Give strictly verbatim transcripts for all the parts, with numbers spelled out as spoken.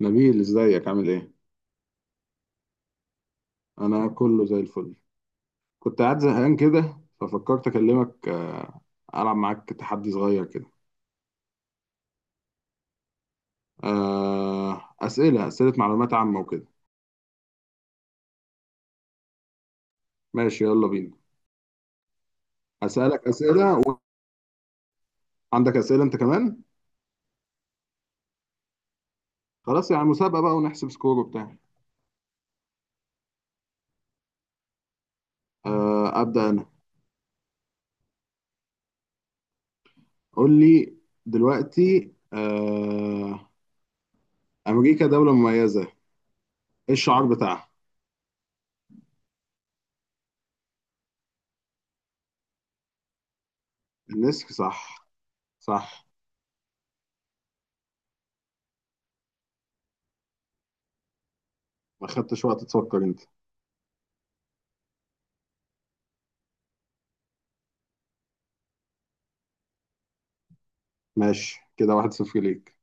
نبيل، ازيك؟ عامل ايه؟ انا كله زي الفل. كنت قاعد زهقان كده ففكرت اكلمك، آه، العب معاك تحدي صغير كده. آه، اسئله اسئله معلومات عامه وكده. ماشي يلا بينا. اسالك اسئله و... عندك اسئله انت كمان. خلاص يعني مسابقه بقى، ونحسب سكور وبتاع. آه، ابدا انا. قول لي. دلوقتي، آه، امريكا دوله مميزه. ايه الشعار بتاعها؟ النسر، صح. صح. ما خدتش وقت تفكر انت. ماشي، كده واحد صفر ليك.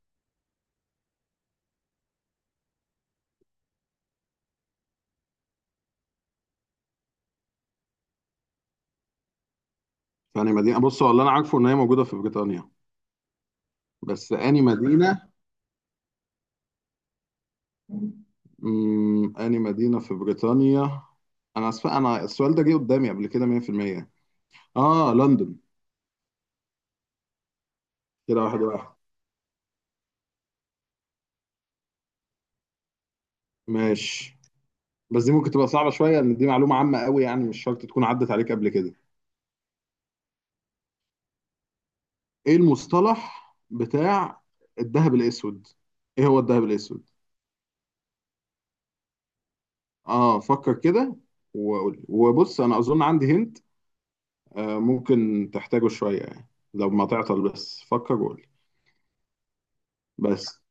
فأني مدينة؟ بص، هو اللي أنا عارفه إن هي موجودة في بريطانيا. بس أني مدينة؟ امم أني مدينة في بريطانيا؟ أنا أسف. أنا السؤال ده جه قدامي قبل كده مية في المية. آه لندن. كده واحد واحد. ماشي، بس دي ممكن تبقى صعبة شوية لأن دي معلومة عامة قوي، يعني مش شرط تكون عدت عليك قبل كده. إيه المصطلح بتاع الذهب الأسود؟ إيه هو الذهب الأسود؟ آه فكر كده وقول، وبص أنا أظن عندي هنت. آه، ممكن تحتاجه شوية يعني. لو ما تعطل بس فكر وقول. بس،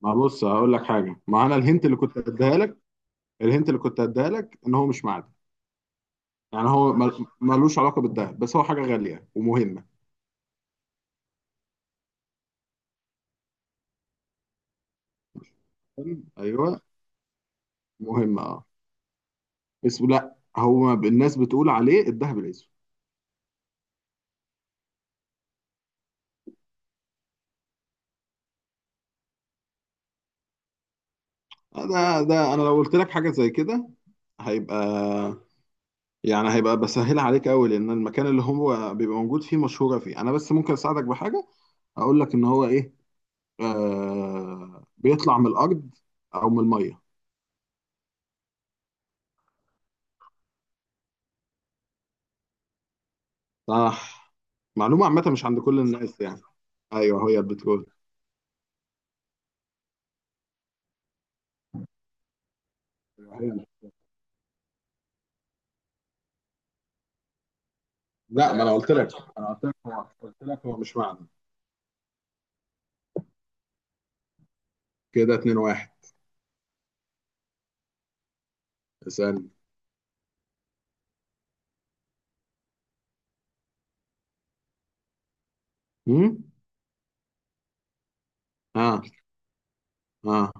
ما بص هقول لك حاجة، ما أنا الهنت اللي كنت أديها لك. الهنت اللي كنت أديها لك إن هو مش معدن. يعني هو مل- ملوش علاقة بالدهب، بس هو حاجة غالية ومهمة. أيوه. مهمة، أه. اسمه، لأ هو ب- الناس بتقول عليه الدهب الأسود. ده ده أنا لو قلت لك حاجة زي كده هيبقى. يعني هيبقى بسهلها عليك قوي، لأن المكان اللي هو بيبقى موجود فيه مشهورة فيه. أنا بس ممكن أساعدك بحاجة. أقول لك إن هو إيه. آه بيطلع من الارض او من الميه. صح. معلومه عامه مش عند كل الناس يعني. ايوه، هي البترول. أيوة، هي. لا، ما انا قلت لك انا قلت لك هو قلت لك هو مش معدن. كده اتنين واحد. اسالني. امم. اه، اه،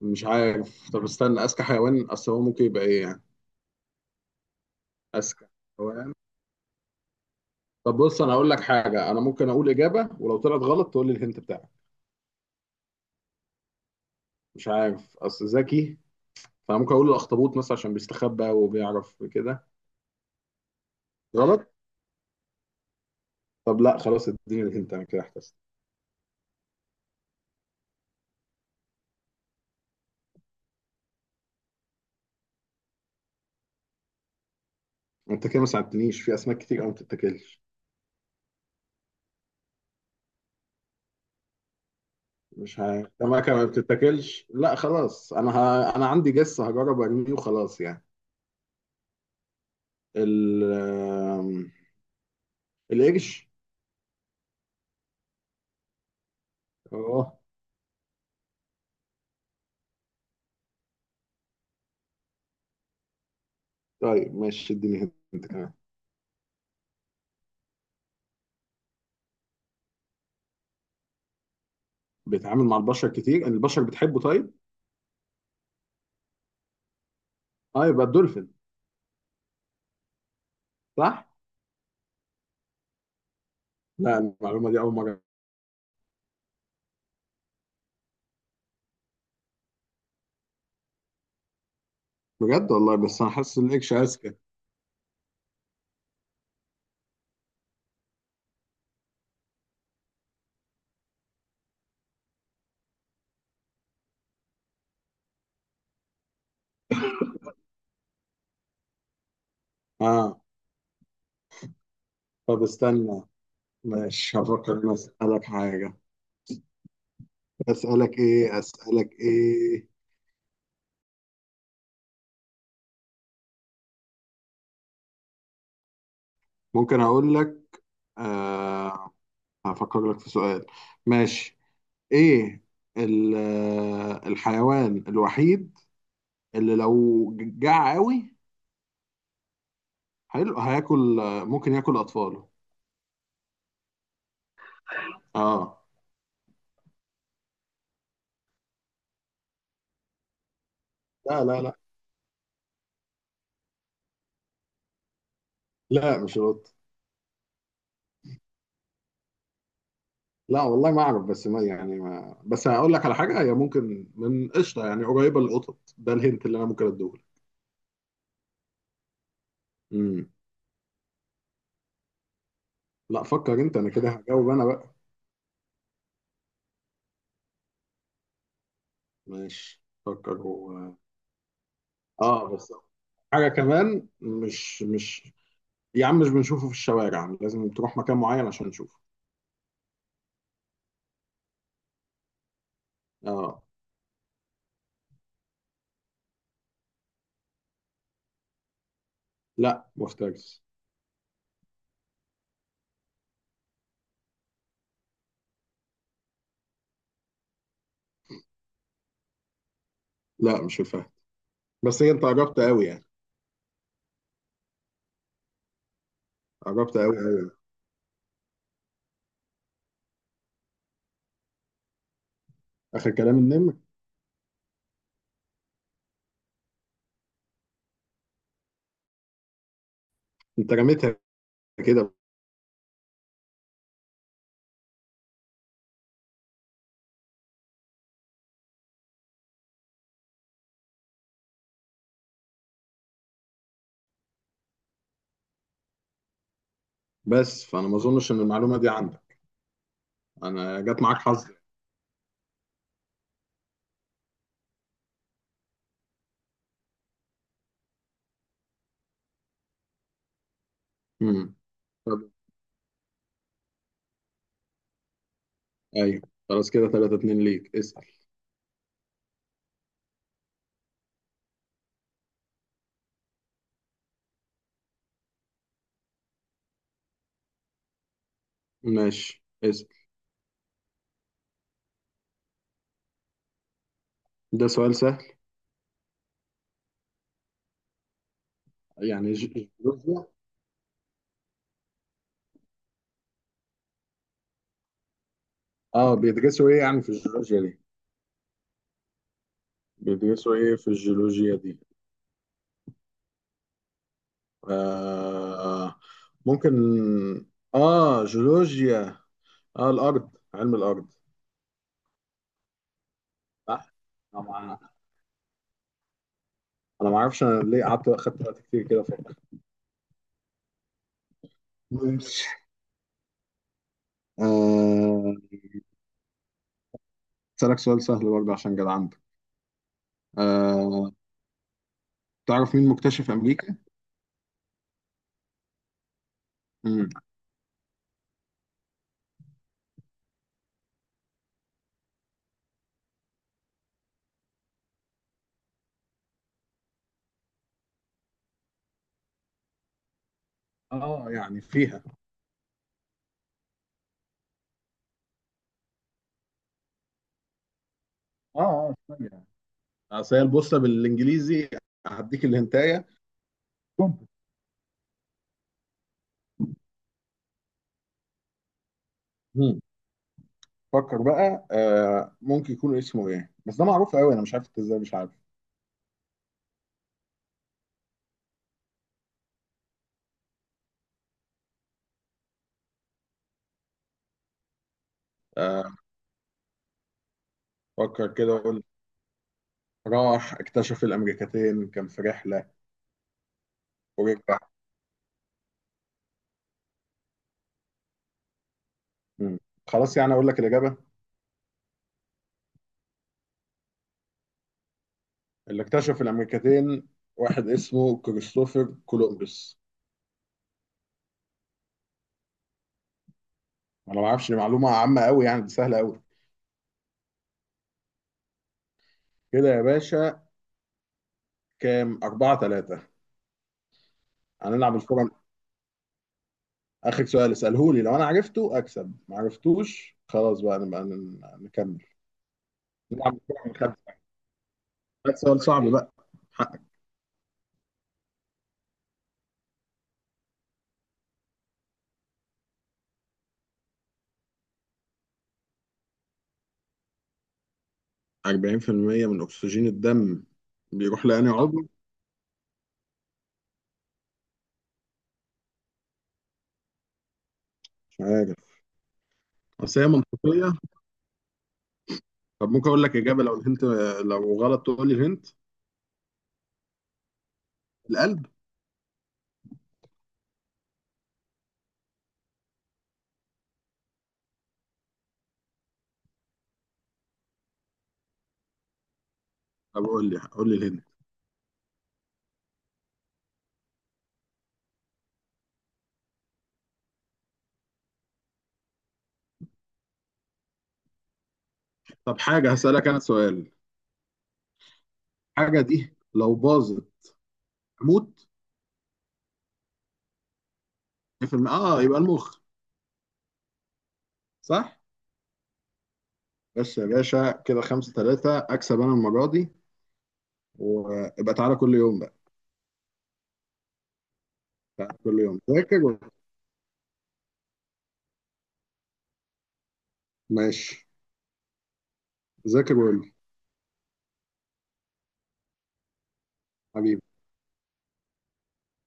مش عارف. طب استنى، اذكى حيوان، اصل هو ممكن يبقى ايه يعني؟ اذكى حيوان. طب بص، انا هقول لك حاجه، انا ممكن اقول اجابه ولو طلعت غلط تقول لي الهنت بتاعك. مش عارف اصل ذكي. فممكن اقول الاخطبوط مثلا عشان بيستخبى وبيعرف كده. غلط. طب لا، خلاص اديني الهنت، انا كده احتسب. انت كده ما ساعدتنيش في اسماك كتير قوي ما بتتاكلش. مش ه... الاماكن ما بتتاكلش، لا خلاص انا ه... انا عندي جس هجرب ارميه وخلاص يعني. ال آم، القرش. اه. طيب ماشي، اديني هنت كمان. بيتعامل مع البشر كتير، البشر بتحبه، طيب. اه، يبقى الدولفين. صح. لا، المعلومه دي اول مره. بجد والله، بس انا حاسس ان القرش اذكى. اه. طب استنى. ماشي، هفكر إني اسالك حاجه. اسالك ايه، اسالك ايه؟ ممكن اقول لك. آه هفكر لك في سؤال. ماشي. ايه ال- آه، الحيوان الوحيد اللي لو جاع قوي، حلو هياكل، آه، ممكن ياكل اطفاله؟ اه. لا، لا، لا، لا، مش القط. لا والله، ما اعرف بس ما يعني ما بس هقول لك على حاجه، هي ممكن من قشطه يعني قريبه للقطط، ده الهنت اللي انا ممكن اديهولك. امم. لا، فكر انت، انا كده هجاوب انا بقى. ماشي، فكر هو. اه، بس. حاجه كمان مش مش. يا عم، مش بنشوفه في الشوارع، لازم تروح مكان معين عشان نشوفه. اه. لا، مفترس. لا، مش الفهد، بس هي انت قربت قوي يعني. قربت قوي قوي. اخر كلام، النمر. انت رميتها كده. بس فانا ما اظنش ان المعلومه دي عندك. انا جت معاك حظ. امم. طب ايوه، خلاص كده تلاتة اتنين ليك، اسال. ماشي، اسال. ده سؤال سهل. يعني ج- جيولوجيا. اه، بيدرسوا ايه يعني في الجيولوجيا دي؟ بيدرسوا ايه في الجيولوجيا دي؟ آه ممكن. اه، جيولوجيا. اه، الارض، علم الارض. صح. انا ما انا ما اعرفش، انا ليه قعدت اخدت وقت كتير كده افكر. ماشي. آه، اسالك سؤال سهل برضه عشان جدعنت. آه تعرف مين مكتشف امريكا؟ امم. اه، يعني فيها. اه، اه، ثانية. اصل هي البوصله بالانجليزي. هديك الهنتايه. مم. فكر بقى، آه ممكن يكون اسمه ايه؟ بس ده معروف قوي، انا مش عارف انت ازاي مش عارف. آه، فكر كده وقول. راح اكتشف الامريكتين كان في رحله. ورجع. مم. خلاص يعني، اقول لك الاجابه. اللي اكتشف الامريكتين واحد اسمه كريستوفر كولومبس. انا ما اعرفش، دي معلومه عامه قوي يعني، دي سهله قوي. كده يا باشا، كام اربعة تلاتة. هنلعب الفورة. آخر سؤال اسأله لي، لو أنا عرفته أكسب، ما عرفتوش خلاص بقى نبقى ن- نكمل. نلعب الفورة من خمسة. ده سؤال صعب بقى. حقك. اربعين في المية من أكسجين الدم بيروح لأنهي عضو؟ مش عارف، بس هي منطقية. طب ممكن أقول لك إجابة، لو الهنت، لو غلط تقول لي الهنت. القلب. طب قول لي، قول لي الهنت. طب، حاجة هسألك أنا سؤال. حاجة دي لو باظت أموت. في الم... آه يبقى المخ. صح. بس يا باشا كده خمسة تلاتة، أكسب أنا المرة دي. وابقى تعالى كل يوم بقى. تعالى كل يوم ذاكر و... ماشي. ذاكر وقول لي. حبيبي.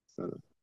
سلام.